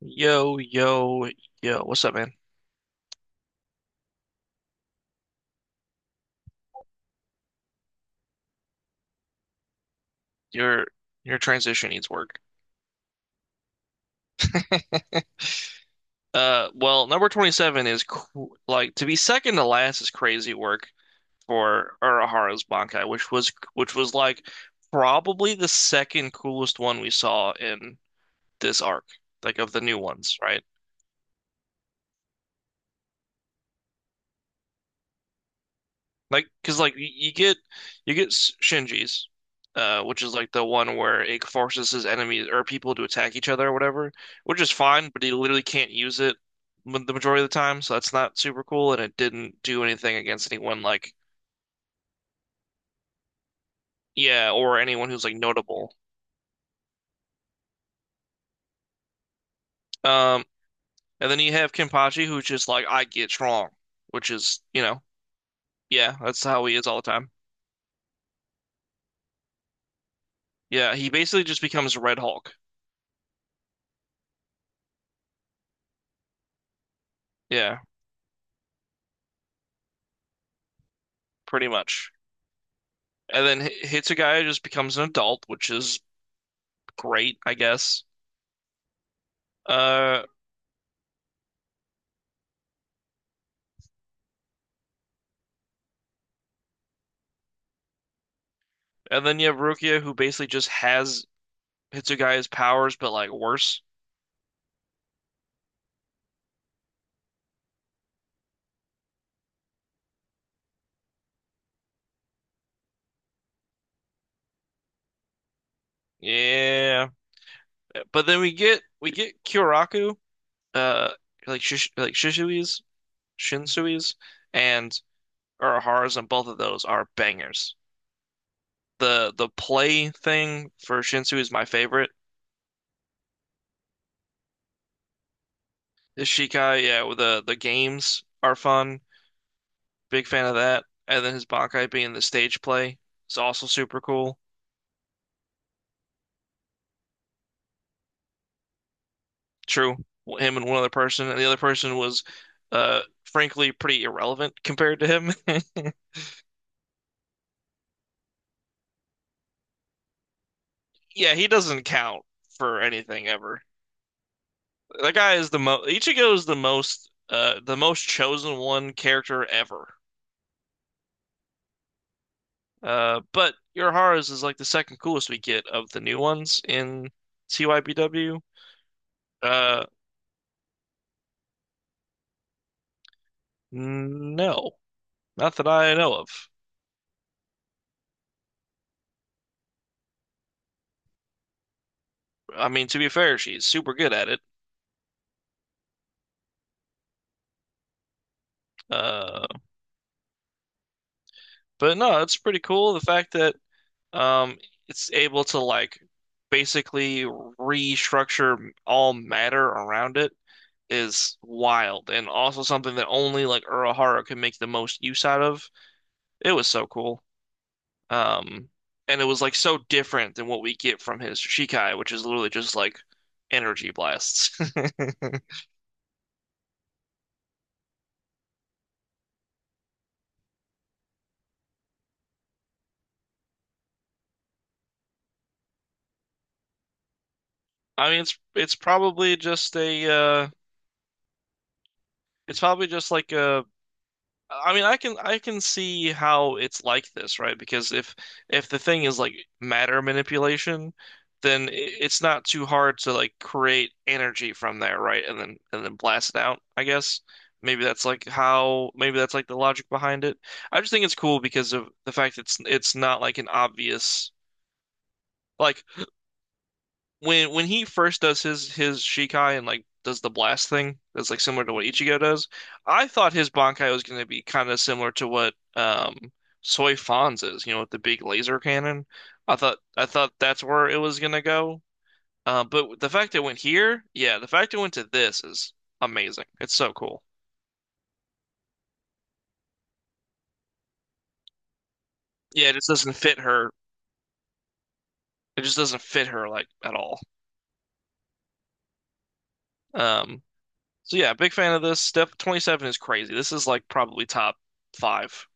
Yo, yo, yo. What's up, man? Your your transition needs work. Well, number 27 is cr like to be second to last is crazy work for Urahara's Bankai, which was like probably the second coolest one we saw in this arc, like of the new ones, right? Like, because like you get Shinji's, which is like the one where it forces his enemies or people to attack each other or whatever, which is fine, but he literally can't use it the majority of the time, so that's not super cool, and it didn't do anything against anyone like yeah or anyone who's like notable. Um, and then you have Kenpachi, who's just like I get strong, which is yeah, that's how he is all the time. Yeah, he basically just becomes Red Hulk. Yeah, pretty much. And then Hitsugaya just becomes an adult, which is great, I guess. Uh, and then you have Rukia, who basically just has Hitsugaya's powers, but like worse. Yeah. But then we get Kyoraku, uh, like Shish like Shisui's, Shinsui's, and Urahara's, and both of those are bangers. The play thing for Shinsui is my favorite. The Shikai, yeah, with the games are fun. Big fan of that. And then his Bankai being the stage play is also super cool. True. Him and one other person, and the other person was, frankly, pretty irrelevant compared to him. Yeah, he doesn't count for anything ever. That guy is the most. Ichigo is the most chosen one character ever. But Urahara's is like the second coolest we get of the new ones in TYBW. Uh, no, not that I know of. I mean, to be fair, she's super good at it. Uh, but no, it's pretty cool the fact that um, it's able to like basically restructure all matter around it is wild, and also something that only like Urahara can make the most use out of. It was so cool. Um, and it was like so different than what we get from his Shikai, which is literally just like energy blasts. I mean, it's probably just a it's probably just like a I mean, I can see how it's like this, right? Because if the thing is like matter manipulation, then it's not too hard to like create energy from there, right? And then blast it out, I guess. Maybe that's like how maybe that's like the logic behind it. I just think it's cool because of the fact it's not like an obvious like when he first does his Shikai and like does the blast thing that's like similar to what Ichigo does, I thought his Bankai was going to be kind of similar to what Soy Fon's is, you know, with the big laser cannon. I thought that's where it was going to go. But the fact it went here, yeah, the fact it went to this is amazing. It's so cool. Yeah, it just doesn't fit her. It just doesn't fit her like at all. Um, so yeah, big fan of this. Step 27 is crazy. This is like probably top five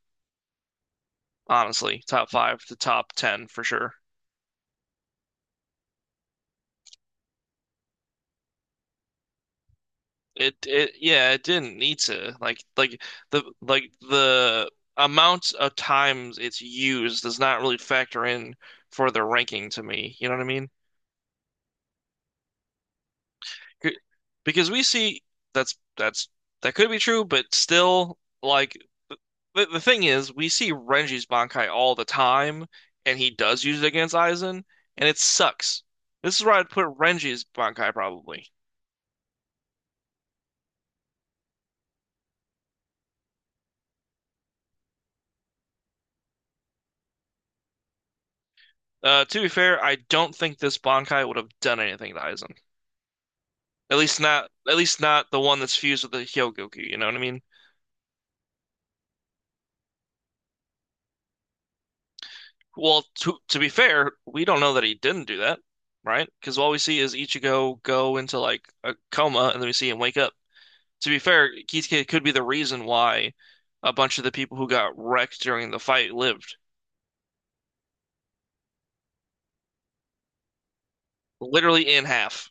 honestly, top five to top ten for sure. It Yeah, it didn't need to the amount of times it's used does not really factor in for the ranking to me. You know what I mean? C- Because we see that's that could be true, but still like the thing is we see Renji's Bankai all the time and he does use it against Aizen and it sucks. This is where I'd put Renji's Bankai probably. To be fair, I don't think this Bankai would have done anything to Aizen. At least not the one that's fused with the Hyogoku. You know what I mean? Well, to be fair, we don't know that he didn't do that, right? Because all we see is Ichigo go into like a coma, and then we see him wake up. To be fair, Kisuke could be the reason why a bunch of the people who got wrecked during the fight lived, literally in half.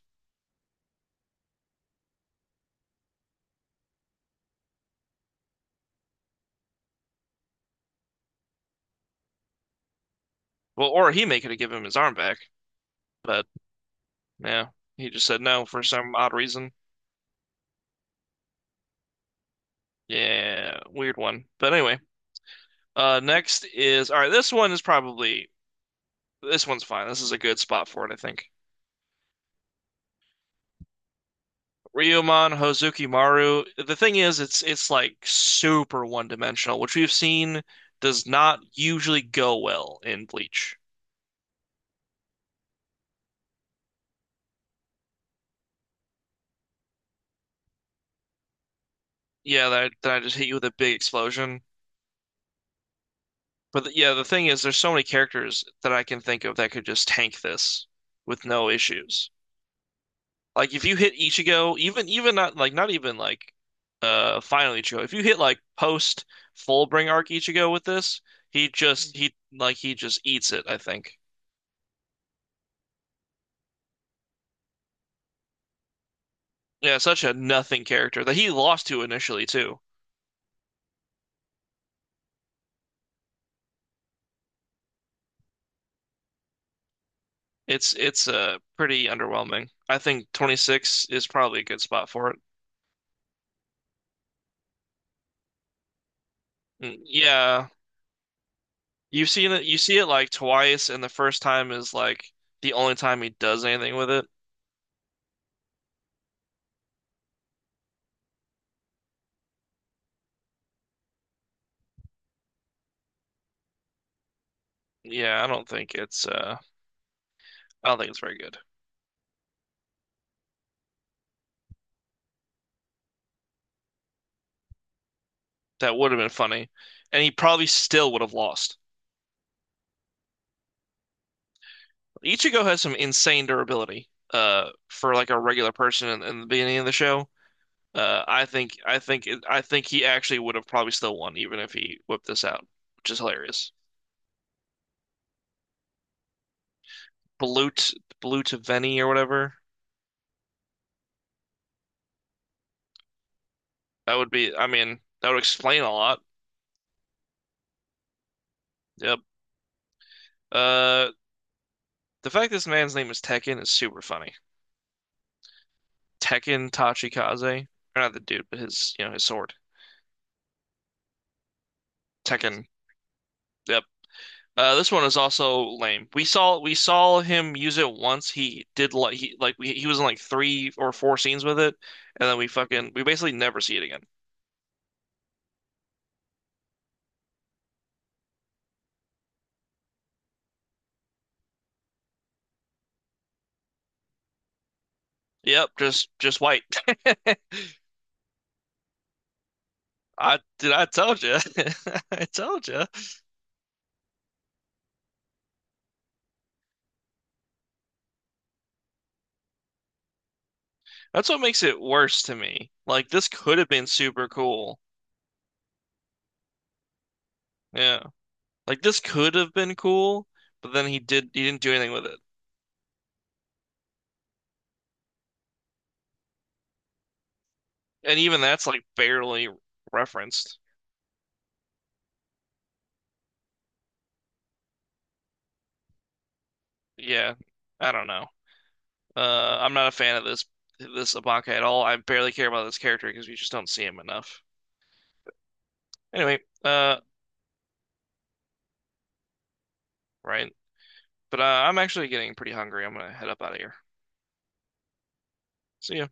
Well, or he may could have given him his arm back, but yeah, he just said no for some odd reason. Yeah, weird one. But anyway. Next is all right. This one is probably this one's fine. This is a good spot for it, I think. Ryuman Hozuki Maru. The thing is, it's like super one dimensional, which we've seen does not usually go well in Bleach. Yeah, that, that I just hit you with a big explosion. But yeah, the thing is, there's so many characters that I can think of that could just tank this with no issues. Like if you hit Ichigo, even even not like not even like final Ichigo. If you hit like post Fullbring arc Ichigo with this, he just he just eats it, I think. Yeah, such a nothing character that he lost to initially too. It's pretty underwhelming. I think 26 is probably a good spot for it. Yeah, you see it like twice and the first time is like the only time he does anything with it. Yeah, I don't think it's I don't think it's very good. That would have been funny. And he probably still would have lost. Ichigo has some insane durability for like a regular person in the beginning of the show. I think he actually would have probably still won even if he whipped this out, which is hilarious. Blute Blute Veni or whatever. That would be I mean, that would explain a lot. Yep. Uh the fact this man's name is Tekken is super funny. Tekken Tachikaze. Or not the dude, but his you know, his sword. Tekken. Yep. This one is also lame. We saw him use it once. He did like he was in like three or four scenes with it, and then we fucking we basically never see it again. Yep, just white. I told you. I told you. That's what makes it worse to me. Like this could have been super cool. Yeah. Like this could have been cool, but then he didn't do anything with it. And even that's like barely referenced. Yeah. I don't know. I'm not a fan of this Ibaka at all. I barely care about this character because we just don't see him enough. Anyway, right. But I'm actually getting pretty hungry. I'm gonna head up out of here. See ya.